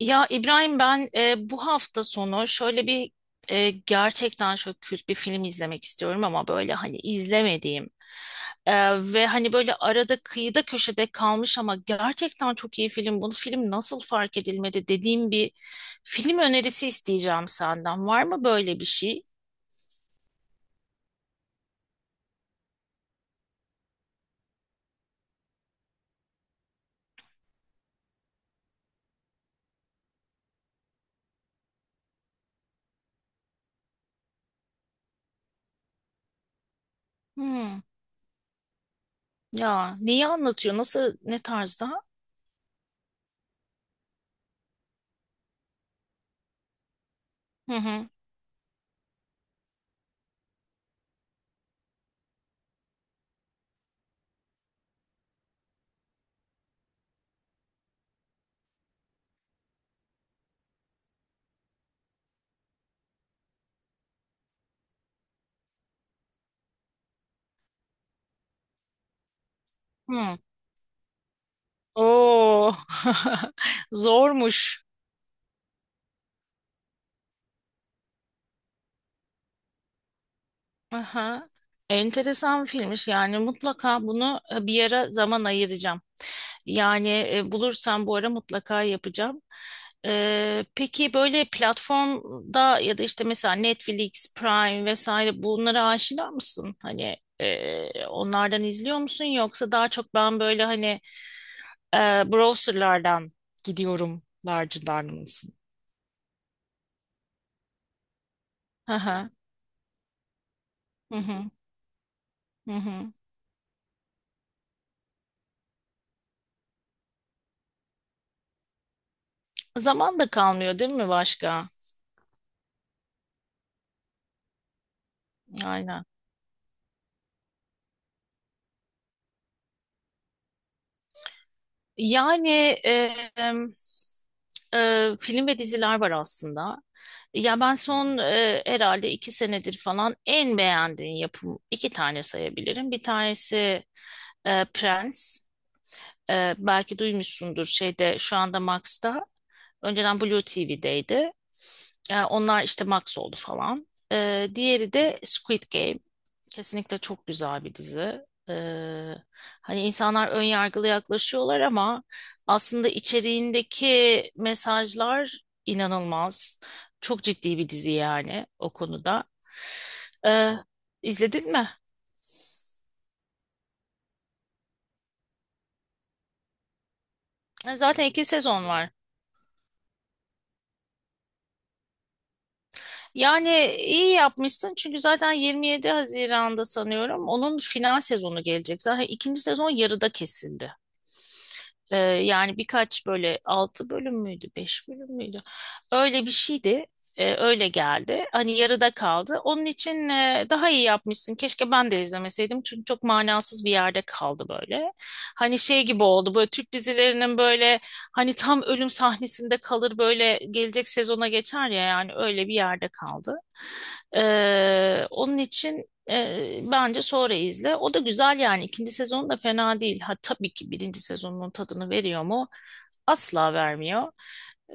Ya İbrahim, ben bu hafta sonu şöyle bir gerçekten çok kült bir film izlemek istiyorum, ama böyle hani izlemediğim e, ve hani böyle arada kıyıda köşede kalmış ama gerçekten çok iyi film. Bu film nasıl fark edilmedi dediğim bir film önerisi isteyeceğim senden. Var mı böyle bir şey? Hmm. Ya neyi anlatıyor? Nasıl, ne tarzda? Hı hı. Hı. Oo. Zormuş. Aha. Enteresan bir filmmiş, yani mutlaka bunu bir ara zaman ayıracağım. Yani bulursam bu ara mutlaka yapacağım. Peki, böyle platformda ya da işte mesela Netflix, Prime vesaire, bunlara aşina mısın? Hani onlardan izliyor musun, yoksa daha çok ben böyle hani e, browserlardan gidiyorum larcılar mısın? Hı hı. Hı hı. Hı hı. Zaman da kalmıyor değil mi başka? Aynen. Yani e, film ve diziler var aslında. Ya ben son herhalde iki senedir falan en beğendiğim yapım, iki tane sayabilirim. Bir tanesi Prens. Belki duymuşsundur, şeyde şu anda Max'ta. Önceden Blue TV'deydi. Onlar işte Max oldu falan. Diğeri de Squid Game. Kesinlikle çok güzel bir dizi. Ee, Hani insanlar ön yargılı yaklaşıyorlar ama aslında içeriğindeki mesajlar inanılmaz. Çok ciddi bir dizi yani o konuda. Ee, izledin mi? Zaten iki sezon var. Yani iyi yapmışsın, çünkü zaten 27 Haziran'da sanıyorum onun final sezonu gelecek. Zaten ikinci sezon yarıda kesildi. Yani birkaç, böyle altı bölüm müydü, beş bölüm müydü? Öyle bir şeydi. Öyle geldi. Hani yarıda kaldı. Onun için daha iyi yapmışsın. Keşke ben de izlemeseydim. Çünkü çok manasız bir yerde kaldı böyle. Hani şey gibi oldu. Böyle Türk dizilerinin böyle hani tam ölüm sahnesinde kalır böyle, gelecek sezona geçer ya, yani öyle bir yerde kaldı. Onun için bence sonra izle. O da güzel yani. İkinci sezon da fena değil. Ha, tabii ki birinci sezonun tadını veriyor mu? Asla vermiyor.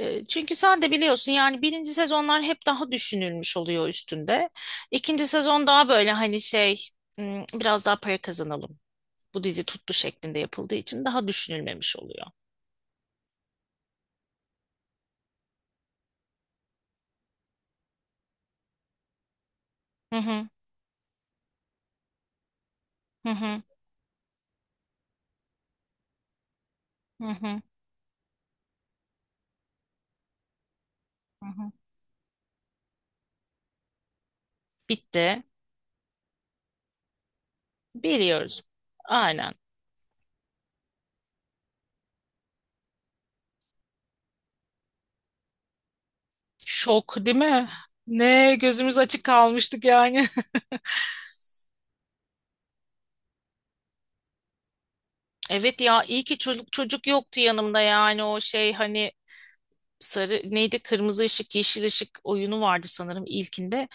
Çünkü sen de biliyorsun, yani birinci sezonlar hep daha düşünülmüş oluyor üstünde. İkinci sezon daha böyle hani şey, biraz daha para kazanalım. Bu dizi tuttu şeklinde yapıldığı için daha düşünülmemiş oluyor. Hı hı. Hı hı. Hı hı. Hı hı. Bitti. Biliyoruz. Aynen. Şok değil mi? Ne gözümüz açık kalmıştık yani. Evet, ya iyi ki çocuk çocuk yoktu yanımda, yani o şey hani sarı neydi, kırmızı ışık yeşil ışık oyunu vardı sanırım ilkinde.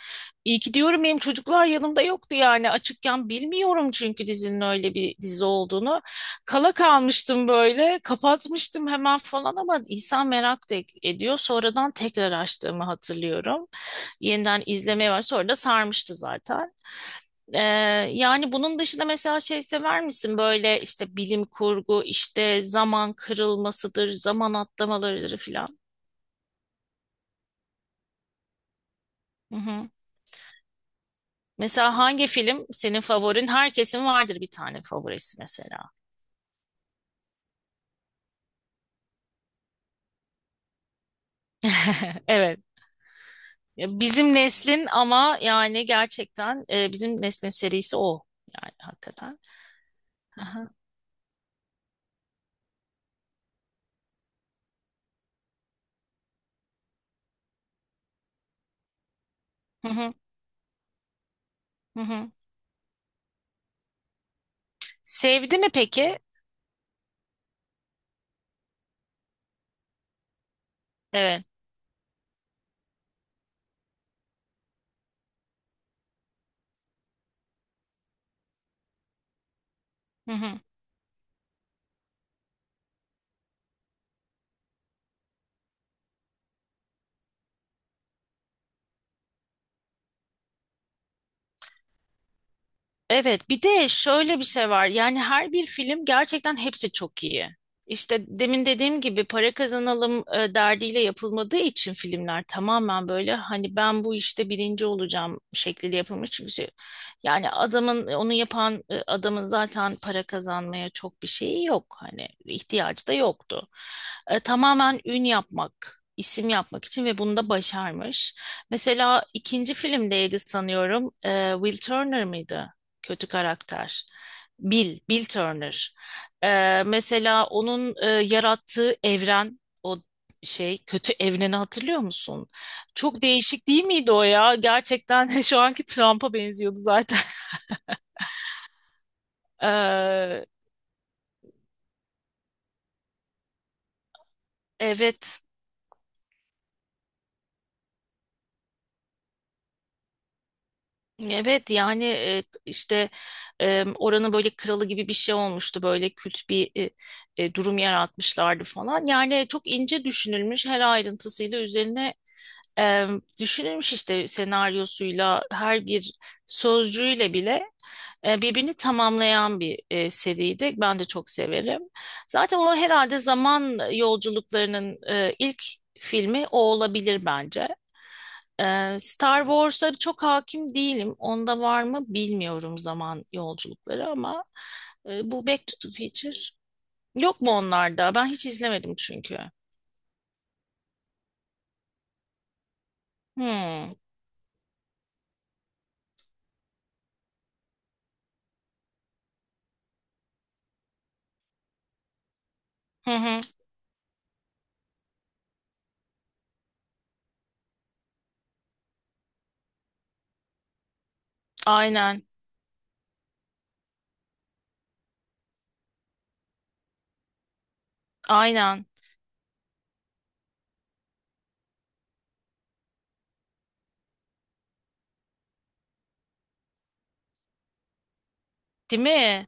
İyi ki diyorum benim çocuklar yanımda yoktu, yani açıkken bilmiyorum çünkü dizinin öyle bir dizi olduğunu. Kala kalmıştım böyle, kapatmıştım hemen falan, ama insan merak da ediyor. Sonradan tekrar açtığımı hatırlıyorum. Yeniden izlemeye var, sonra da sarmıştı zaten. Ee, Yani bunun dışında mesela şey sever misin? Böyle işte bilim kurgu, işte zaman kırılmasıdır, zaman atlamalarıdır filan. Hı hı. Mesela hangi film senin favorin? Herkesin vardır bir tane favorisi mesela. Evet. Ya, bizim neslin, ama yani gerçekten bizim neslin serisi o. Yani hakikaten. Aha. Hı hı. Hı hı. Sevdi mi peki? Evet. Hı hı. Evet, bir de şöyle bir şey var. Yani her bir film gerçekten hepsi çok iyi. İşte demin dediğim gibi para kazanalım derdiyle yapılmadığı için filmler tamamen böyle hani ben bu işte birinci olacağım şekliyle yapılmış. Çünkü yani adamın onu yapan adamın zaten para kazanmaya çok bir şeyi yok. Hani ihtiyacı da yoktu. Tamamen ün yapmak, isim yapmak için, ve bunu da başarmış. Mesela ikinci filmdeydi sanıyorum. Will Turner mıydı? Kötü karakter. Bill Turner. Mesela onun yarattığı evren, o şey kötü evreni hatırlıyor musun? Çok değişik değil miydi o ya? Gerçekten şu anki Trump'a benziyordu zaten. Ee, evet. Evet yani işte oranın böyle kralı gibi bir şey olmuştu, böyle kült bir durum yaratmışlardı falan. Yani çok ince düşünülmüş, her ayrıntısıyla üzerine Ee, düşünülmüş işte, senaryosuyla, her bir sözcüğüyle bile birbirini tamamlayan bir seriydi. Ben de çok severim. Zaten o herhalde zaman yolculuklarının ilk filmi o olabilir bence. Star Wars'a çok hakim değilim. Onda var mı bilmiyorum zaman yolculukları, ama bu Back to the Future yok mu onlarda? Ben hiç izlemedim çünkü. Hmm. Hı hı. Aynen. Aynen. Değil mi?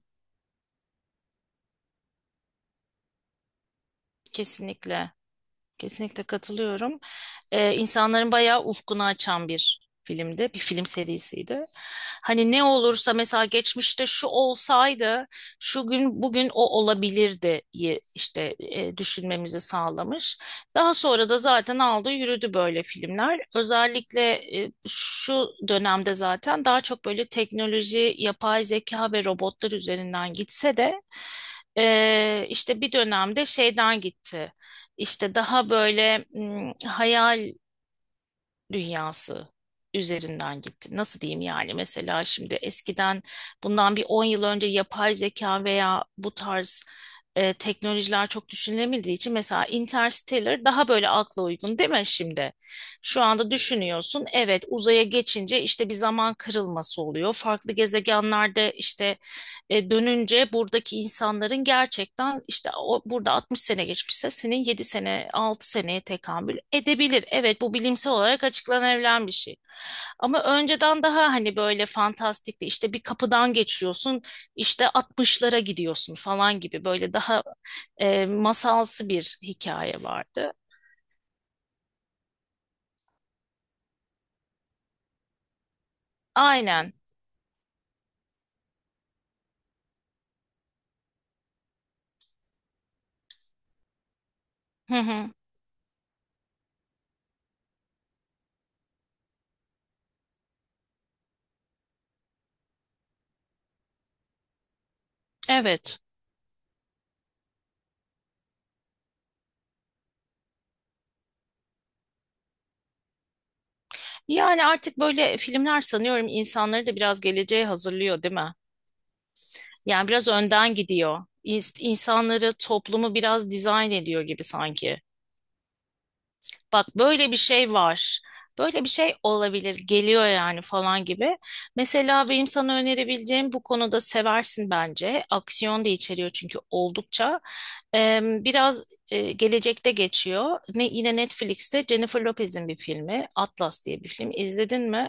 Kesinlikle. Kesinlikle katılıyorum. İnsanların bayağı ufkunu açan bir filmdi. Bir film serisiydi. Hani ne olursa mesela geçmişte şu olsaydı, şu gün bugün o olabilirdi işte düşünmemizi sağlamış. Daha sonra da zaten aldı yürüdü böyle filmler. Özellikle şu dönemde zaten daha çok böyle teknoloji, yapay zeka ve robotlar üzerinden gitse de işte bir dönemde şeyden gitti. İşte daha böyle, hayal dünyası üzerinden gitti. Nasıl diyeyim, yani mesela şimdi eskiden bundan bir 10 yıl önce yapay zeka veya bu tarz teknolojiler çok düşünülemediği için mesela Interstellar daha böyle akla uygun değil mi şimdi? Şu anda düşünüyorsun, evet, uzaya geçince işte bir zaman kırılması oluyor. Farklı gezegenlerde işte dönünce buradaki insanların gerçekten işte o, burada 60 sene geçmişse senin 7 sene 6 seneye tekamül edebilir. Evet, bu bilimsel olarak açıklanabilen bir şey. Ama önceden daha hani böyle fantastikti, işte bir kapıdan geçiyorsun işte 60'lara gidiyorsun falan gibi, böyle daha masalsı bir hikaye vardı. Aynen. Hı hı. Evet. Yani artık böyle filmler sanıyorum insanları da biraz geleceğe hazırlıyor, değil mi? Yani biraz önden gidiyor. İnsanları, toplumu biraz dizayn ediyor gibi sanki. Bak, böyle bir şey var. Böyle bir şey olabilir, geliyor yani, falan gibi. Mesela benim sana önerebileceğim bu konuda, seversin bence. Aksiyon da içeriyor çünkü oldukça. Biraz gelecekte geçiyor. Ne, yine Netflix'te Jennifer Lopez'in bir filmi. Atlas diye bir film. İzledin mi?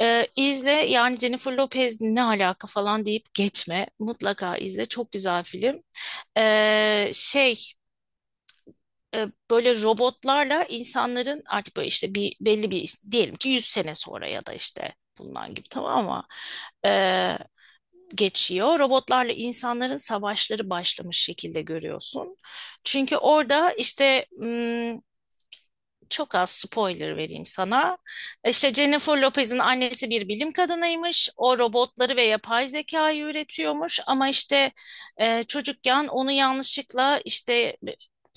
İzle yani, Jennifer Lopez ne alaka falan deyip geçme. Mutlaka izle. Çok güzel film. Şey, böyle robotlarla insanların artık böyle işte bir belli bir diyelim ki 100 sene sonra, ya da işte bundan gibi, tamam mı? Ee, Geçiyor. Robotlarla insanların savaşları başlamış şekilde görüyorsun. Çünkü orada işte, çok az spoiler vereyim sana. İşte Jennifer Lopez'in annesi bir bilim kadınıymış. O robotları ve yapay zekayı üretiyormuş. Ama işte çocukken onu yanlışlıkla işte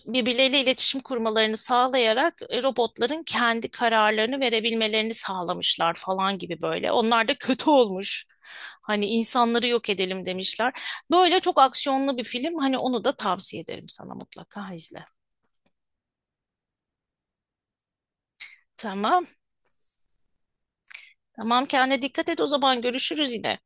birbirleriyle iletişim kurmalarını sağlayarak robotların kendi kararlarını verebilmelerini sağlamışlar falan gibi böyle. Onlar da kötü olmuş. Hani insanları yok edelim demişler. Böyle çok aksiyonlu bir film. Hani onu da tavsiye ederim, sana mutlaka izle. Tamam. Tamam, kendine dikkat et o zaman, görüşürüz yine.